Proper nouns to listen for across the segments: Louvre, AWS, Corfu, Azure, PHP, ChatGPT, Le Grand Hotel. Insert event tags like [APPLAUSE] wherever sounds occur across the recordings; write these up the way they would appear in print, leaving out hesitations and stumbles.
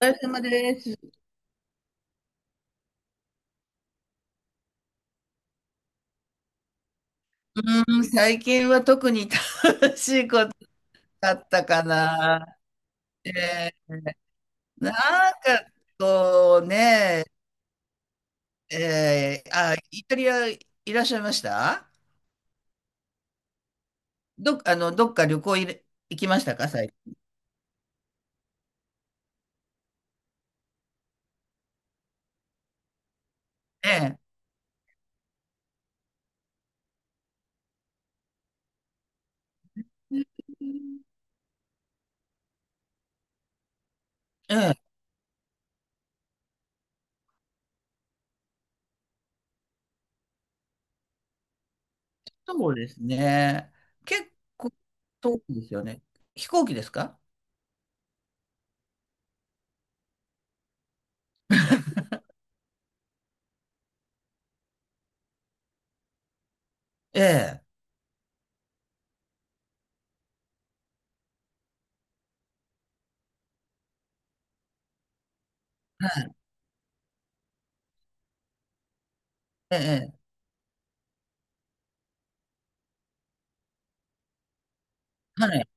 お疲れ様です。うーん、最近は特に楽しいことだったかな。えーなんかこうね、えーあ、イタリアいらっしゃいましたどっか旅行いれ行きましたか、最近？ええ、ええ、そうですね。結構遠いですよね。飛行機ですか？ええ、ええ、はい、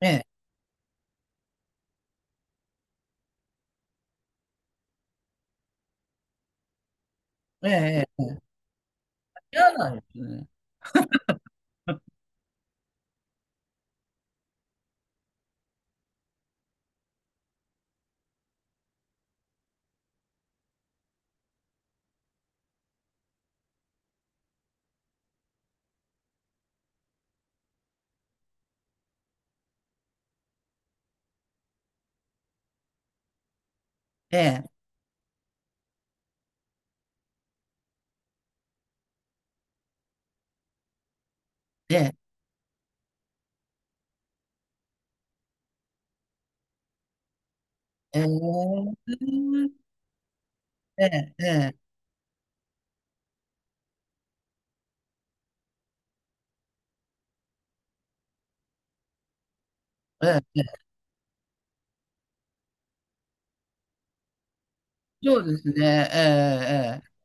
ええ、ええ、ええ、嫌なんですね。ええ、ええ、ええ、ええ、ええ、ええ、そうですね。ええ、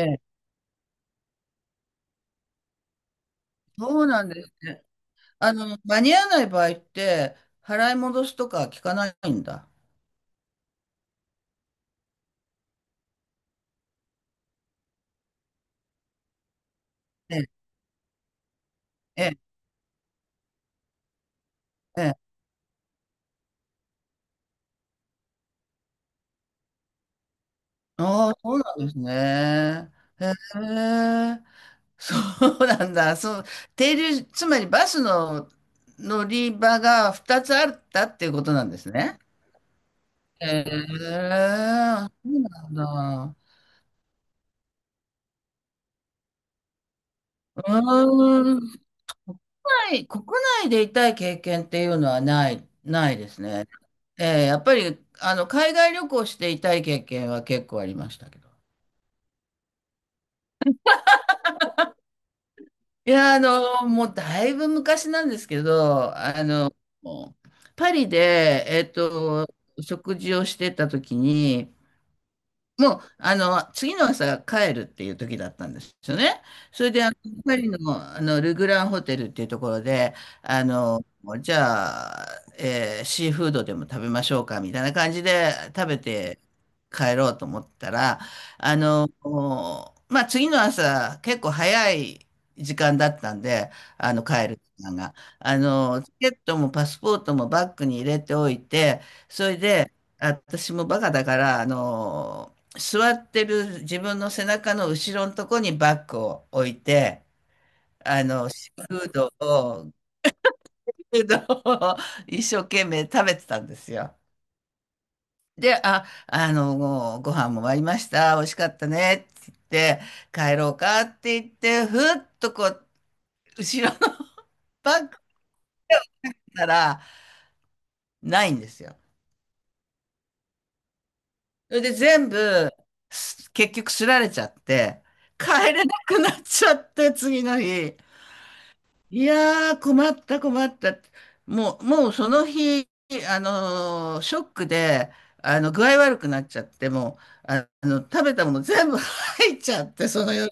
ええ、ええ、そうなんですね。あの、間に合わない場合って、払い戻すとか聞かないんだ。ええ、ええ、ええ、ああ、そうなんですね。へえ、そうなんだ。そう、停留、つまりバスの乗り場が2つあったっていうことなんですね。へえ、そうなんだ。うーん国内、国内で痛い経験っていうのはない、ないですね。やっぱり、あの、海外旅行して痛い経験は結構ありましたけど。いや、あの、もうだいぶ昔なんですけど、あの、パリで、食事をしてた時に、もう、あの、次の朝帰るっていう時だったんですよね。それで、あのパリの、あのルグランホテルっていうところで、あの、じゃあ、シーフードでも食べましょうか、みたいな感じで食べて帰ろうと思ったら、あの、まあ、次の朝、結構早い時間だったんで、あの、帰る時間が。あの、チケットもパスポートもバッグに入れておいて、それで、私もバカだから、あの座ってる自分の背中の後ろのとこにバッグを置いて、あの、シーフードを、フードを一生懸命食べてたんですよ。で、あ、あの、ご飯も終わりました。美味しかったね。って言って、帰ろうかって言って、ふっとこう、後ろのバッグからないんですよ。それで全部、結局すられちゃって、帰れなくなっちゃって、次の日。いやー、困った、困った。もうその日、あのーショックで、あの、具合悪くなっちゃって、もう、あの、食べたもの全部 [LAUGHS] 入っちゃって、その夜。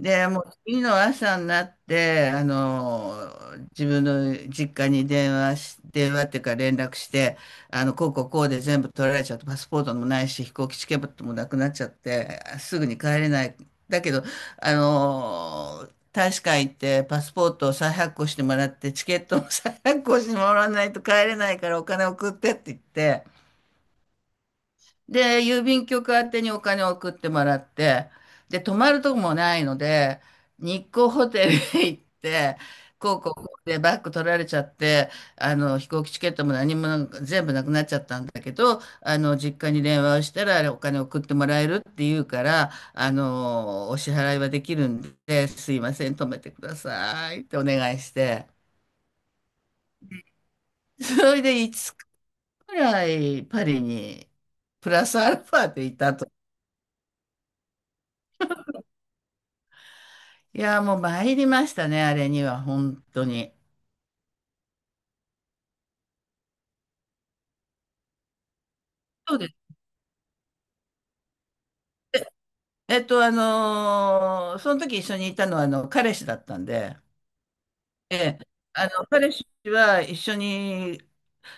で、もう次の朝になって、あの、自分の実家に電話し、電話っていうか連絡して、あの、こうこうこうで全部取られちゃって、パスポートもないし、飛行機チケットもなくなっちゃって、すぐに帰れない。だけど、あの、大使館行ってパスポートを再発行してもらって、チケットも再発行してもらわないと帰れないからお金送ってって言って、で、郵便局宛てにお金を送ってもらって、で、泊まるとこもないので、日光ホテルへ行って、こうこうこうでバッグ取られちゃって、あの、飛行機チケットも何もなんか全部なくなっちゃったんだけど、あの、実家に電話をしたら、あれお金送ってもらえるって言うから、あの、お支払いはできるんで、すいません、泊めてくださいってお願いして、それでいつつくらいパリに、プラスアルファでいたと。いや、もう参りましたね、あれには、本当に。そうです。えっと、あのーその時一緒にいたのは、あの、彼氏だったんで、ええ、あの、彼氏は一緒に、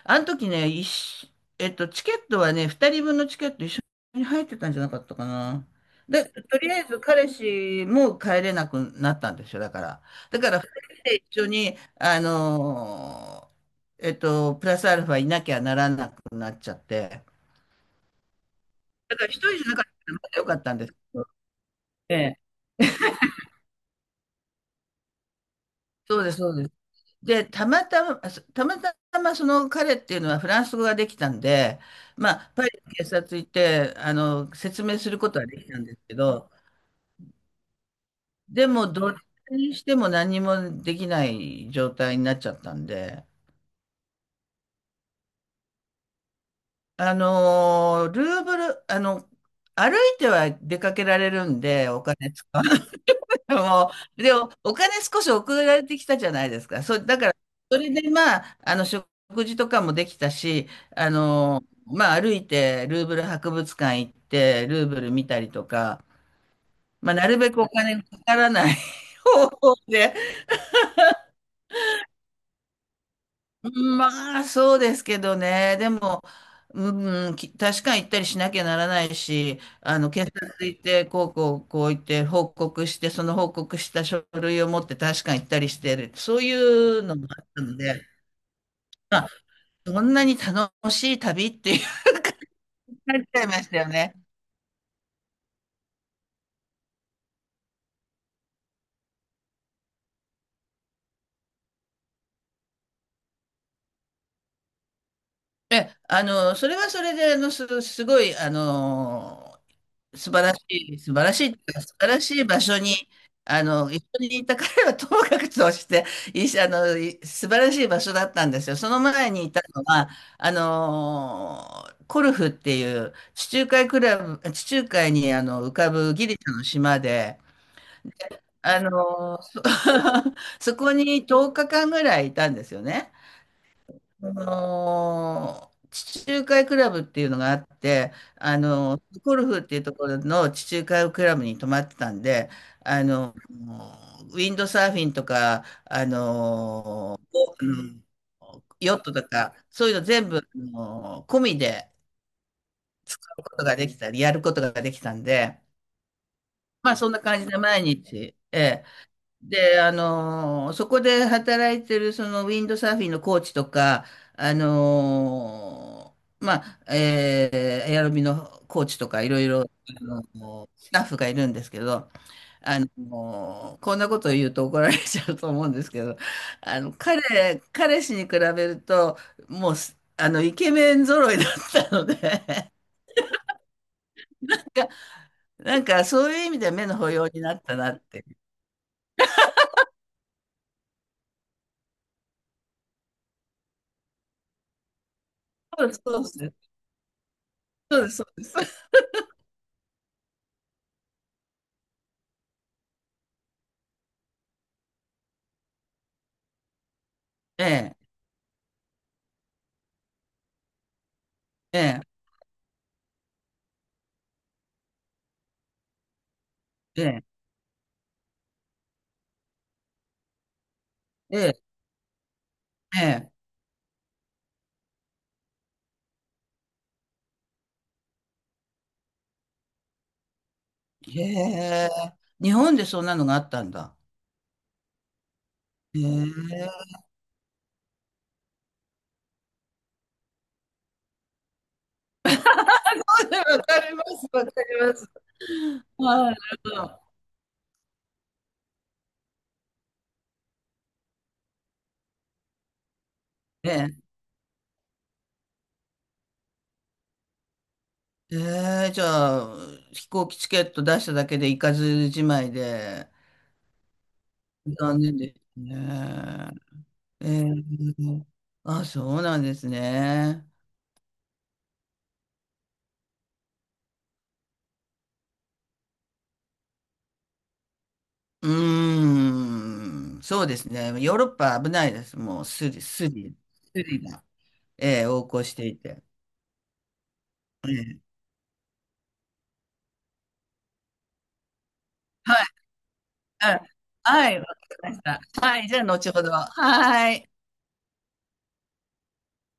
あの時ね、一緒えっと、チケットはね、2人分のチケット一緒に入ってたんじゃなかったかな。で、とりあえず彼氏も帰れなくなったんですよ、だから。だから、2人で一緒に、あのーえっと、プラスアルファいなきゃならなくなっちゃって。だから一人じゃなかったらまだよかったんですけど。ええ、そうです、そうです。で、たまたま、その彼っていうのはフランス語ができたんで、まあ、パリの警察行って、あの、説明することはできたんですけど、でも、どっちにしても何もできない状態になっちゃったんで、あの、ルーブル、あの、歩いては出かけられるんで、お金使う。でも、でもお金少し送られてきたじゃないですか。そ、だから、それでまあ、あの、食事とかもできたし、あの、まあ、歩いて、ルーブル博物館行って、ルーブル見たりとか、まあ、なるべくお金かからない [LAUGHS] 方法で。まあ、そうですけどね。でも、うん、確かに行ったりしなきゃならないし、あの、警察行って、こうこう、こう言って、報告して、その報告した書類を持って確かに行ったりしてる。そういうのもあったので、まあ、そんなに楽しい旅っていう [LAUGHS] なっちゃいましたよね。え、あの、それはそれで、あの、す、すごい、あの、素晴らしい場所に、あの、一緒にいた彼はともかくとして、いい、あの、素晴らしい場所だったんですよ。その前にいたのは、あの、コルフっていう地中海クラブ、地中海にあの浮かぶギリシャの島で、あの、[LAUGHS] そこに10日間ぐらいいたんですよね。あのー地中海クラブっていうのがあって、あの、ゴルフっていうところの地中海クラブに泊まってたんで、あの、ウィンドサーフィンとか、あの、ううん、ヨットとか、そういうの全部、あの、込みでやることができたんで、まあそんな感じで毎日、ええ。で、あのそこで働いてるそのウィンドサーフィンのコーチとか、あの、まあ、エアロビのコーチとかいろいろ、あのスタッフがいるんですけど、あのこんなことを言うと怒られちゃうと思うんですけど、あの、彼氏に比べると、もうす、あの、イケメン揃いだったので、[LAUGHS] なんかそういう意味では目の保養になったなって。そうです、そうです。そうです、そうです。ええ、ええ、ええ、ええ、ええ。へえ。日本でそんなのがあったんだ。へえ。[LAUGHS] わかります、わかります。はい、なるほど。ええ。ええ、じゃあ、飛行機チケット出しただけで行かずじまいで、残念ですね。ええ。あ、そうなんですね。うーん、そうですね。ヨーロッパ危ないです。もうスリ、スリ、スリが、ええ、横行していて。はい、はい。はい、わかりました。はい、じゃあ、後ほど。はい。